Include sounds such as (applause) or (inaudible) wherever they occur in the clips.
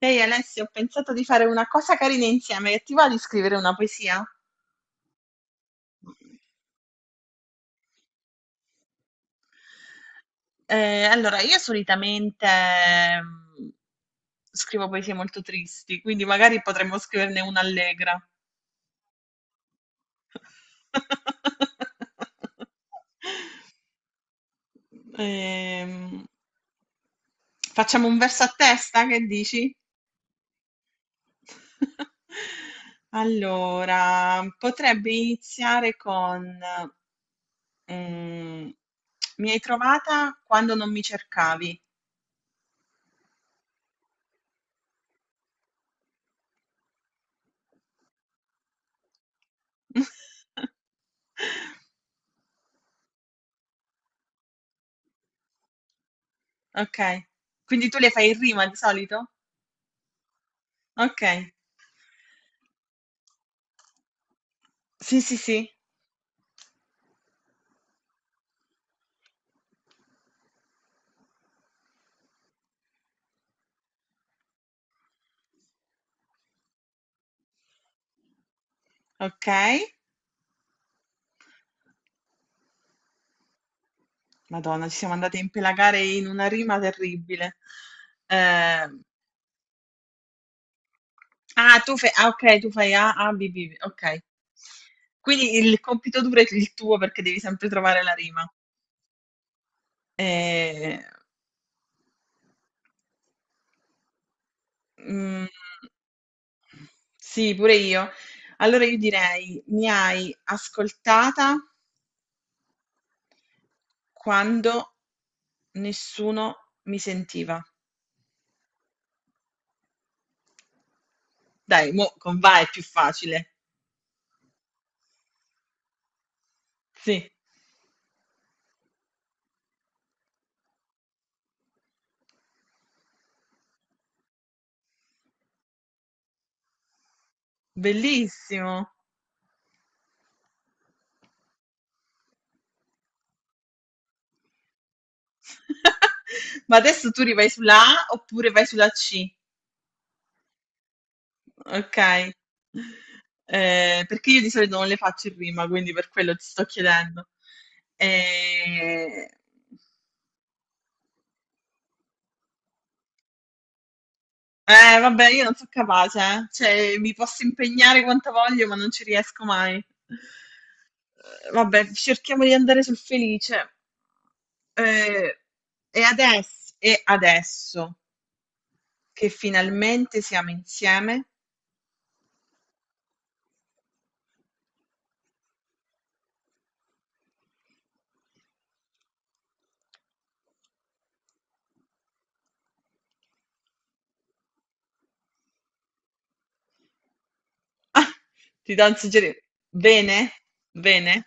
Ehi Alessio, ho pensato di fare una cosa carina insieme, che ti va di scrivere una poesia? Allora, io solitamente scrivo poesie molto tristi, quindi magari potremmo scriverne una allegra. (laughs) Ehm, Facciamo un verso a testa, che dici? (laughs) Allora, potrebbe iniziare con Mhmm, mi hai trovata quando non mi cercavi. (laughs) Okay. Quindi tu le fai in rima di solito? Okay. Sì, sì, sì. Okay. Madonna, ci siamo andate a impelagare in una rima terribile. Ehm, okay, tu fai A, A, B, B, okay. Quindi il compito duro è il tuo perché devi sempre trovare la rima. Ehm Mhmm. Sì, pure io. Allora io direi: mi hai ascoltata quando nessuno mi sentiva. Dai, mo' con va è più facile. Sì, bellissimo. (laughs) Ma adesso tu rivai sulla A oppure vai sulla C? Okay. Perché io di solito non le faccio in rima, quindi per quello ti sto chiedendo. Ehm Vabbè, io non so capace, eh. Cioè, mi posso impegnare quanto voglio, ma non ci riesco mai. Vabbè, cerchiamo di andare sul felice. Eh, e adesso che finalmente siamo insieme. Ah, ti do un suggerimento. Bene? Bene?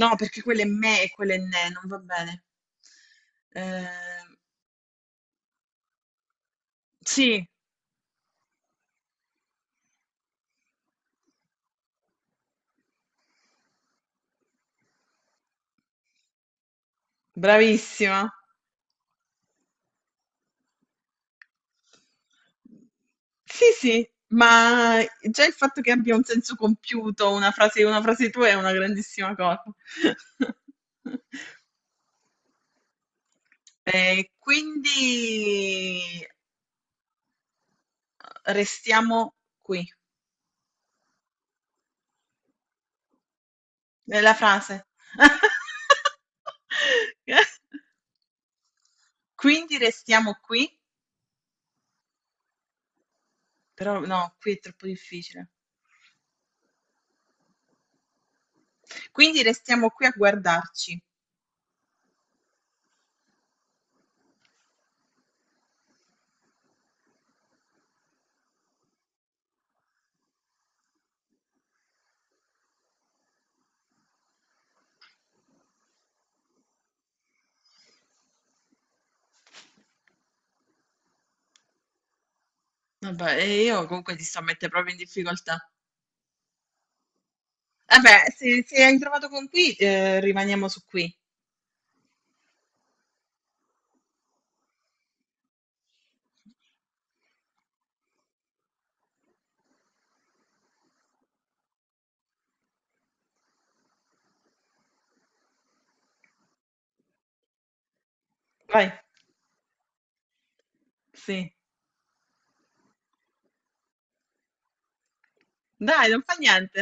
No, perché quello è me e quello è ne, non va bene. Eh, sì, bravissima. Sì, sì, ma già il fatto che abbia un senso compiuto, una frase tua è una grandissima cosa. (laughs) E quindi restiamo qui, nella frase. (laughs) Quindi restiamo qui, però no, qui è troppo difficile. Quindi restiamo qui a guardarci. Vabbè, e io comunque ti sto a mettere proprio in difficoltà. Vabbè, se hai trovato con qui, rimaniamo su qui. Vai, sì. Dai, non fa niente.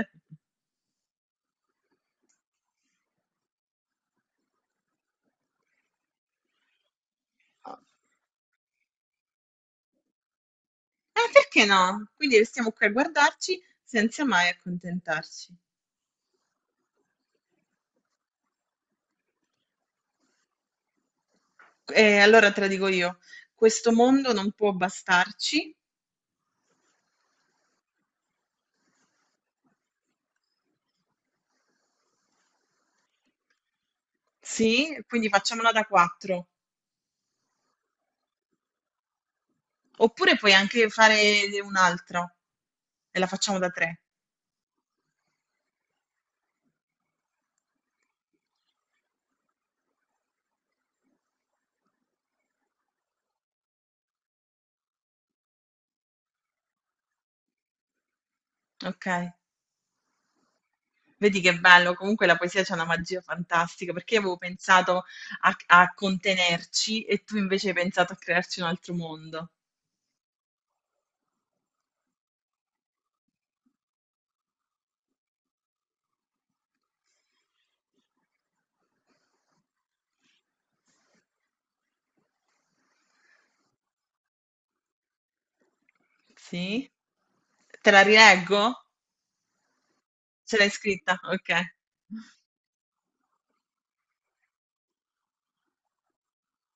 Perché no? Quindi restiamo qui a guardarci senza mai accontentarci. E allora te la dico io, questo mondo non può bastarci, sì, quindi facciamola da quattro. Oppure puoi anche fare un altro e la facciamo da tre, ok? Vedi che bello, comunque la poesia c'ha una magia fantastica, perché io avevo pensato a contenerci e tu invece hai pensato a crearci un altro mondo. Sì? Te la rileggo? Ce l'hai scritta? Ok.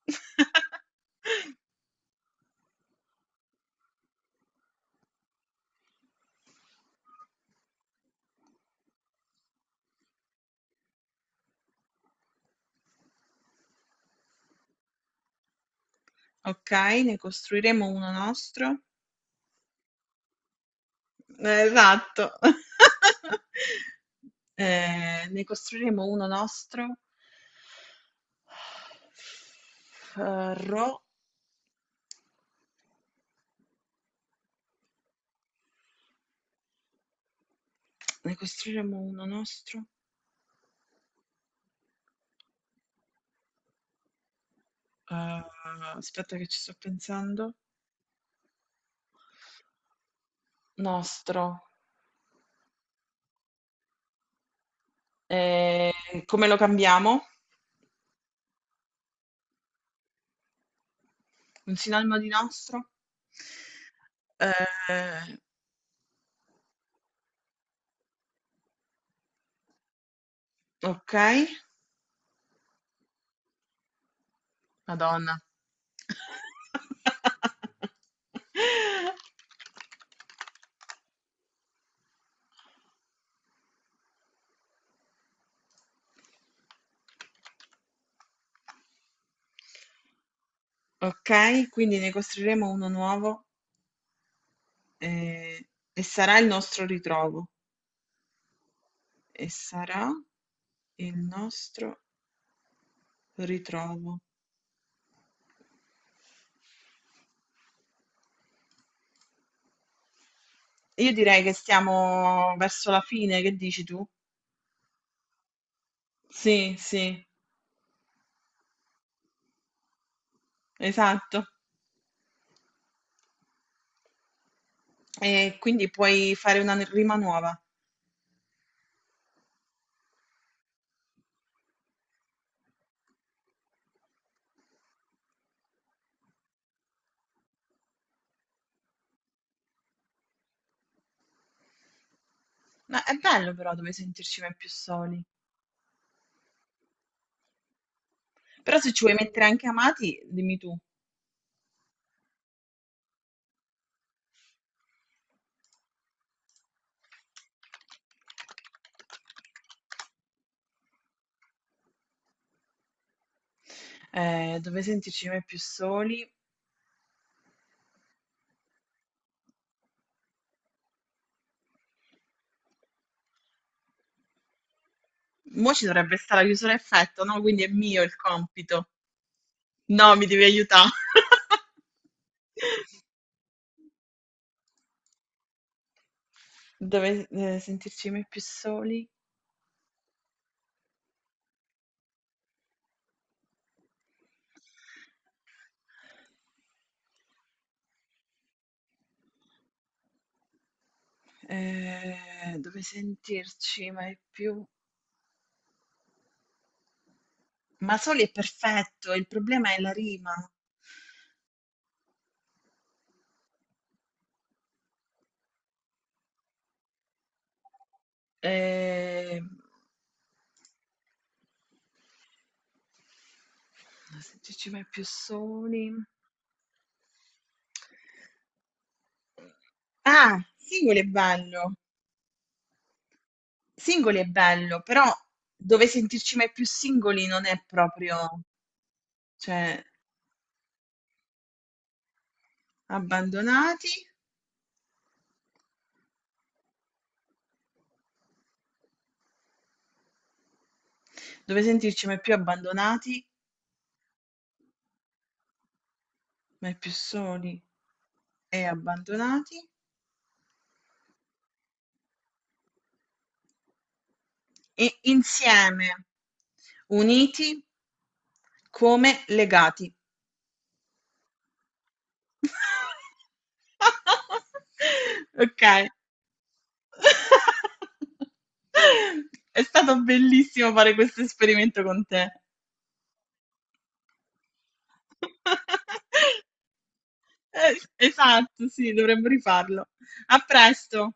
(laughs) Ok, ne costruiremo uno nostro. Esatto. (laughs) Ne costruiremo uno nostro. Eh, Ro, Ne costruiremo uno nostro. Aspetta che ci sto pensando. Nostro. Ehm, Come lo cambiamo? Un sinonimo di nostro? Ehm, okay. Madonna. (laughs) Okay, quindi ne costruiremo uno nuovo, ehm, e sarà il nostro ritrovo. E sarà il nostro ritrovo. Io direi che stiamo verso la fine, che dici tu? Sì, sì, esatto. E quindi puoi fare una rima nuova. Ma è bello però dove sentirci mai più soli. Però se ci vuoi mettere anche amati, dimmi tu, dove sentirci mai più soli. Mo' ci dovrebbe stare la chiusura a effetto, no? Quindi è mio il compito. No, mi devi aiutare. (laughs) Dove sentirci mai più soli? Dove sentirci mai più... Ma soli è perfetto, il problema è la rima. Ehm, Sentirci mai più soli. Ah, singoli è bello. Singoli è bello, però dove sentirci mai più singoli non è proprio, cioè, abbandonati, dove sentirci mai più abbandonati, mai più soli e abbandonati, e insieme, uniti come legati. (laughs) Ok. (laughs) È stato bellissimo fare questo esperimento con te. (laughs) Es Esatto, sì, dovremmo rifarlo. A presto.